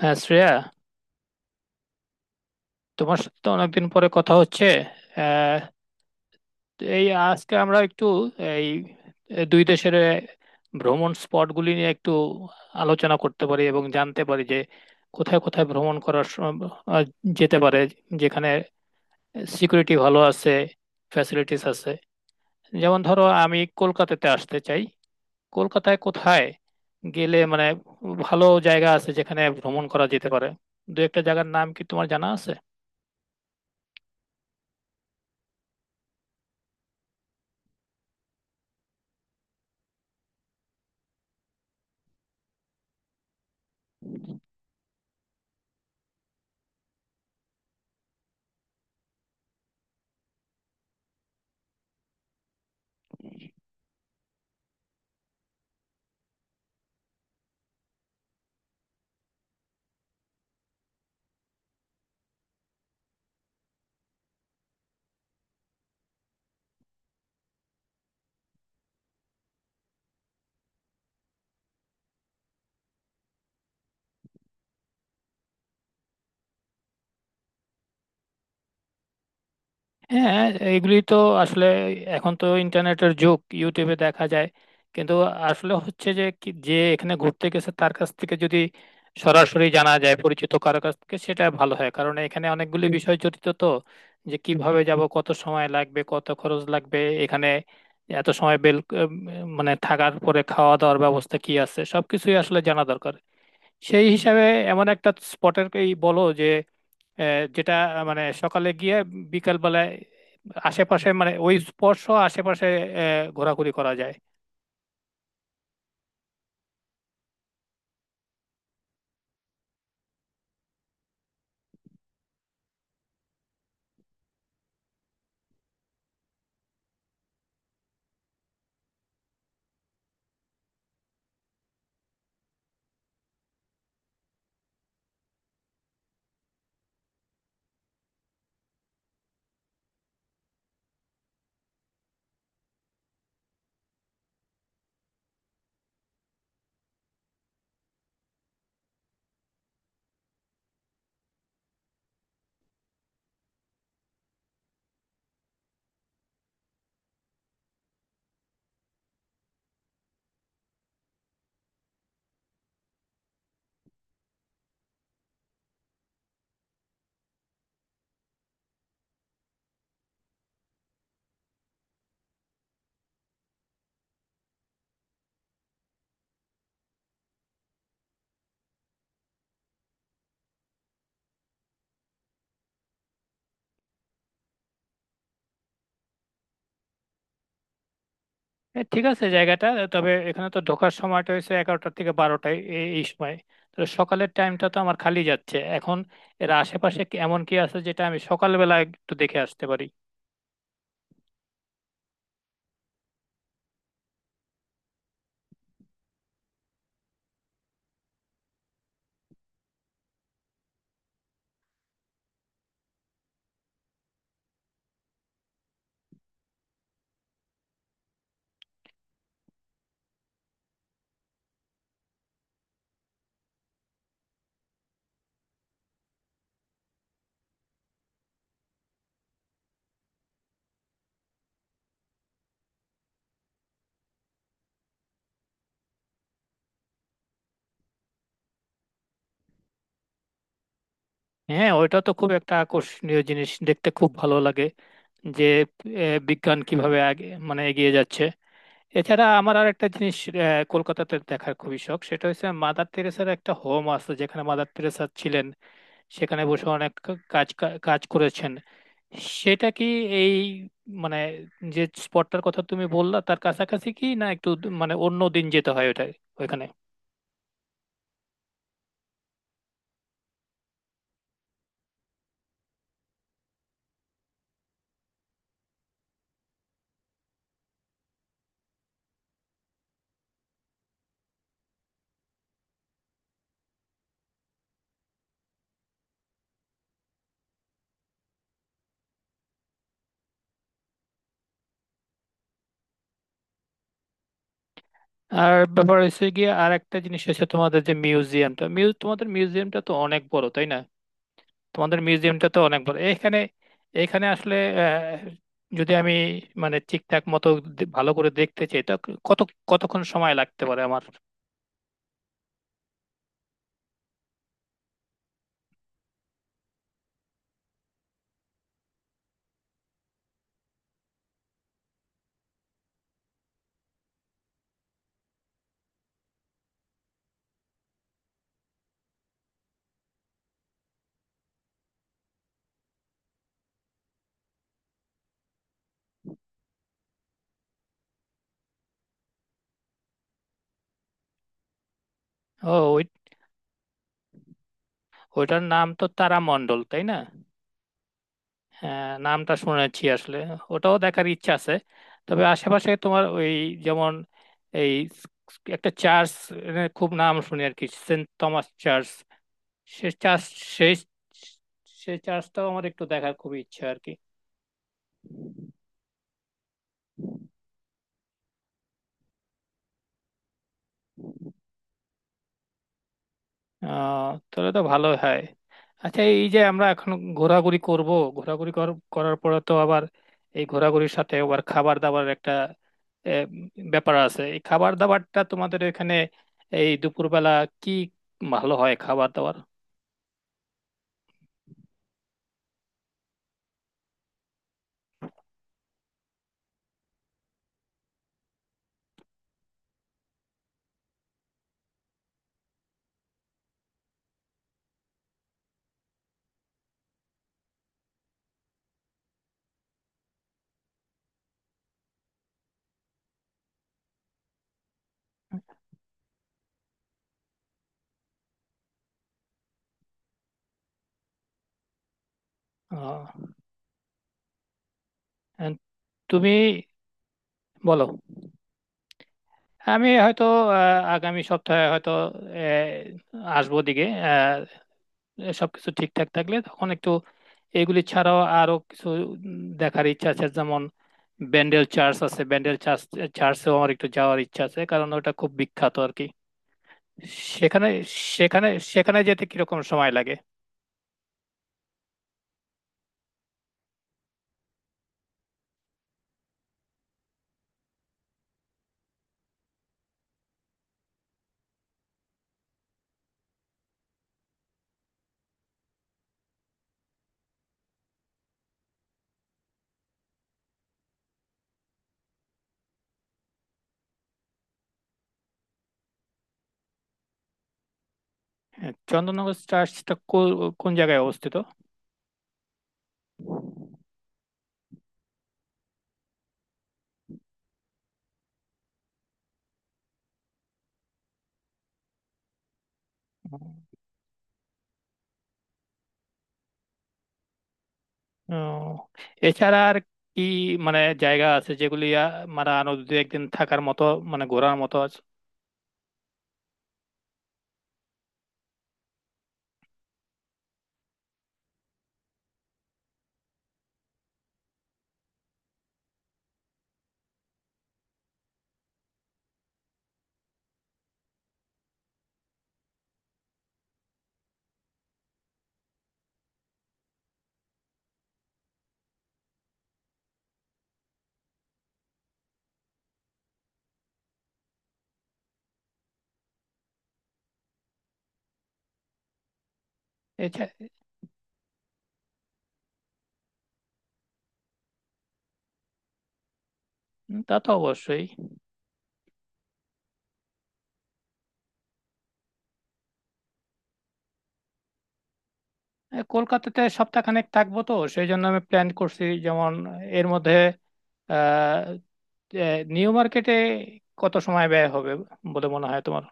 হ্যাঁ শ্রেয়া। তোমার সাথে তো অনেকদিন পরে কথা হচ্ছে। আহ, এই আজকে আমরা একটু এই দুই দেশের ভ্রমণ স্পটগুলি নিয়ে একটু আলোচনা করতে পারি এবং জানতে পারি যে কোথায় কোথায় ভ্রমণ করার আহ, যেতে পারে, যেখানে সিকিউরিটি ভালো আছে, ফ্যাসিলিটিস আছে। যেমন ধরো আমি কলকাতাতে আসতে চাই। কলকাতায় কোথায় গেলে মানে ভালো জায়গা আছে যেখানে ভ্রমণ করা যেতে পারে, দু একটা জায়গার নাম কি তোমার জানা আছে? হ্যাঁ, এগুলি তো আসলে এখন তো ইন্টারনেটের যুগ, ইউটিউবে দেখা যায়। কিন্তু আসলে হচ্ছে যে যে এখানে ঘুরতে গেছে তার কাছ থেকে যদি সরাসরি জানা যায়, পরিচিত কারো কাছ থেকে, সেটা ভালো হয়। কারণ এখানে অনেকগুলি বিষয় জড়িত, তো যে কিভাবে যাব, কত সময় লাগবে, কত খরচ লাগবে, এখানে এত সময় বেল মানে থাকার পরে খাওয়া দাওয়ার ব্যবস্থা কি আছে, সবকিছুই আসলে জানা দরকার। সেই হিসাবে এমন একটা স্পটের বলো যে যেটা মানে সকালে গিয়ে বিকাল বেলায় আশেপাশে, মানে ওই স্পর্শ আশেপাশে ঘোরাঘুরি করা যায়। ঠিক আছে জায়গাটা। তবে এখানে তো ঢোকার সময়টা হয়েছে 11টার থেকে 12টায়, এই এই সময়। তাহলে সকালের টাইমটা তো আমার খালি যাচ্ছে এখন। এর আশেপাশে এমন কি আছে যেটা আমি সকালবেলা একটু দেখে আসতে পারি? হ্যাঁ, ওইটা তো খুব একটা আকর্ষণীয় জিনিস, দেখতে খুব ভালো লাগে যে বিজ্ঞান কিভাবে আগে মানে এগিয়ে যাচ্ছে। এছাড়া আমার আর একটা জিনিস কলকাতাতে দেখার খুবই শখ, সেটা হচ্ছে মাদার তেরেসার একটা হোম আছে যেখানে মাদার তেরেসা ছিলেন। সেখানে বসে অনেক কাজ কাজ করেছেন। সেটা কি এই মানে যে স্পটটার কথা তুমি বললা তার কাছাকাছি কি না, একটু মানে অন্য দিন যেতে হয় ওটা ওইখানে? আর ব্যাপার হচ্ছে গিয়ে, আর একটা জিনিস হচ্ছে, তোমাদের যে মিউজিয়ামটা তোমাদের মিউজিয়ামটা তো অনেক বড় তাই না? তোমাদের মিউজিয়ামটা তো অনেক বড়। এখানে এখানে আসলে আহ, যদি আমি মানে ঠিকঠাক মতো ভালো করে দেখতে চাই তো কত কতক্ষণ সময় লাগতে পারে আমার? ও, ওইটার নাম তো তারামণ্ডল তাই না? হ্যাঁ, নামটা শুনেছি আসলে। ওটাও দেখার ইচ্ছা আছে। তবে আশেপাশে তোমার ওই, যেমন এই একটা চার্চ খুব নাম শুনি আর কি, সেন্ট থমাস চার্চ। সে চার্চ সেই সেই চার্চটাও আমার একটু দেখার খুব ইচ্ছা আর কি। আহ তাহলে তো ভালো হয়। আচ্ছা, এই যে আমরা এখন ঘোরাঘুরি করব, করার পরে তো আবার, এই ঘোরাঘুরির সাথে আবার খাবার দাবার একটা আহ, ব্যাপার আছে। এই খাবার দাবারটা তোমাদের এখানে এই দুপুরবেলা কি ভালো হয় খাবার দাবার? আহ, and তুমি বলো। আমি হয়তো আগামী সপ্তাহে হয়তো আসবো দিকে। সবকিছু ঠিকঠাক থাকলে তখন একটু, এগুলি ছাড়াও আরো কিছু দেখার ইচ্ছা আছে, যেমন ব্যান্ডেল চার্চ আছে। ব্যান্ডেল চার্চেও আমার একটু যাওয়ার ইচ্ছা আছে কারণ ওটা খুব বিখ্যাত আর কি। সেখানে সেখানে সেখানে যেতে কিরকম সময় লাগে? হ্যাঁ, চন্দননগর চার্চটা কোন জায়গায় অবস্থিত? ও, এছাড়া আর কি মানে জায়গা আছে যেগুলি মানে আরো দু একদিন থাকার মতো, মানে ঘোরার মতো আছে? এছা- তা তো অবশ্যই। কলকাতাতে সপ্তাহখানেক থাকবো তো সেই জন্য আমি প্ল্যান করছি, যেমন এর মধ্যে আহ এ, নিউ মার্কেটে কত সময় ব্যয় হবে বলে মনে হয় তোমার?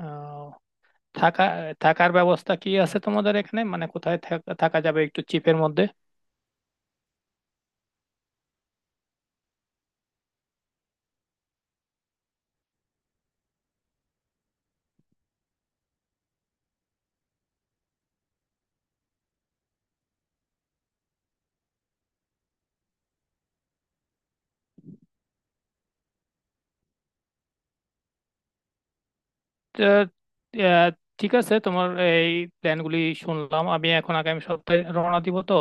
আহ, থাকা থাকার ব্যবস্থা কি আছে তোমাদের এখানে, মানে কোথায় থাকা যাবে একটু চিপের মধ্যে? আহ, আহ, ঠিক আছে, তোমার এই প্ল্যানগুলি শুনলাম। আমি এখন আগামী সপ্তাহে রওনা দিব তো,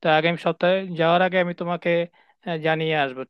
তা আগামী সপ্তাহে যাওয়ার আগে আমি তোমাকে জানিয়ে আসবো।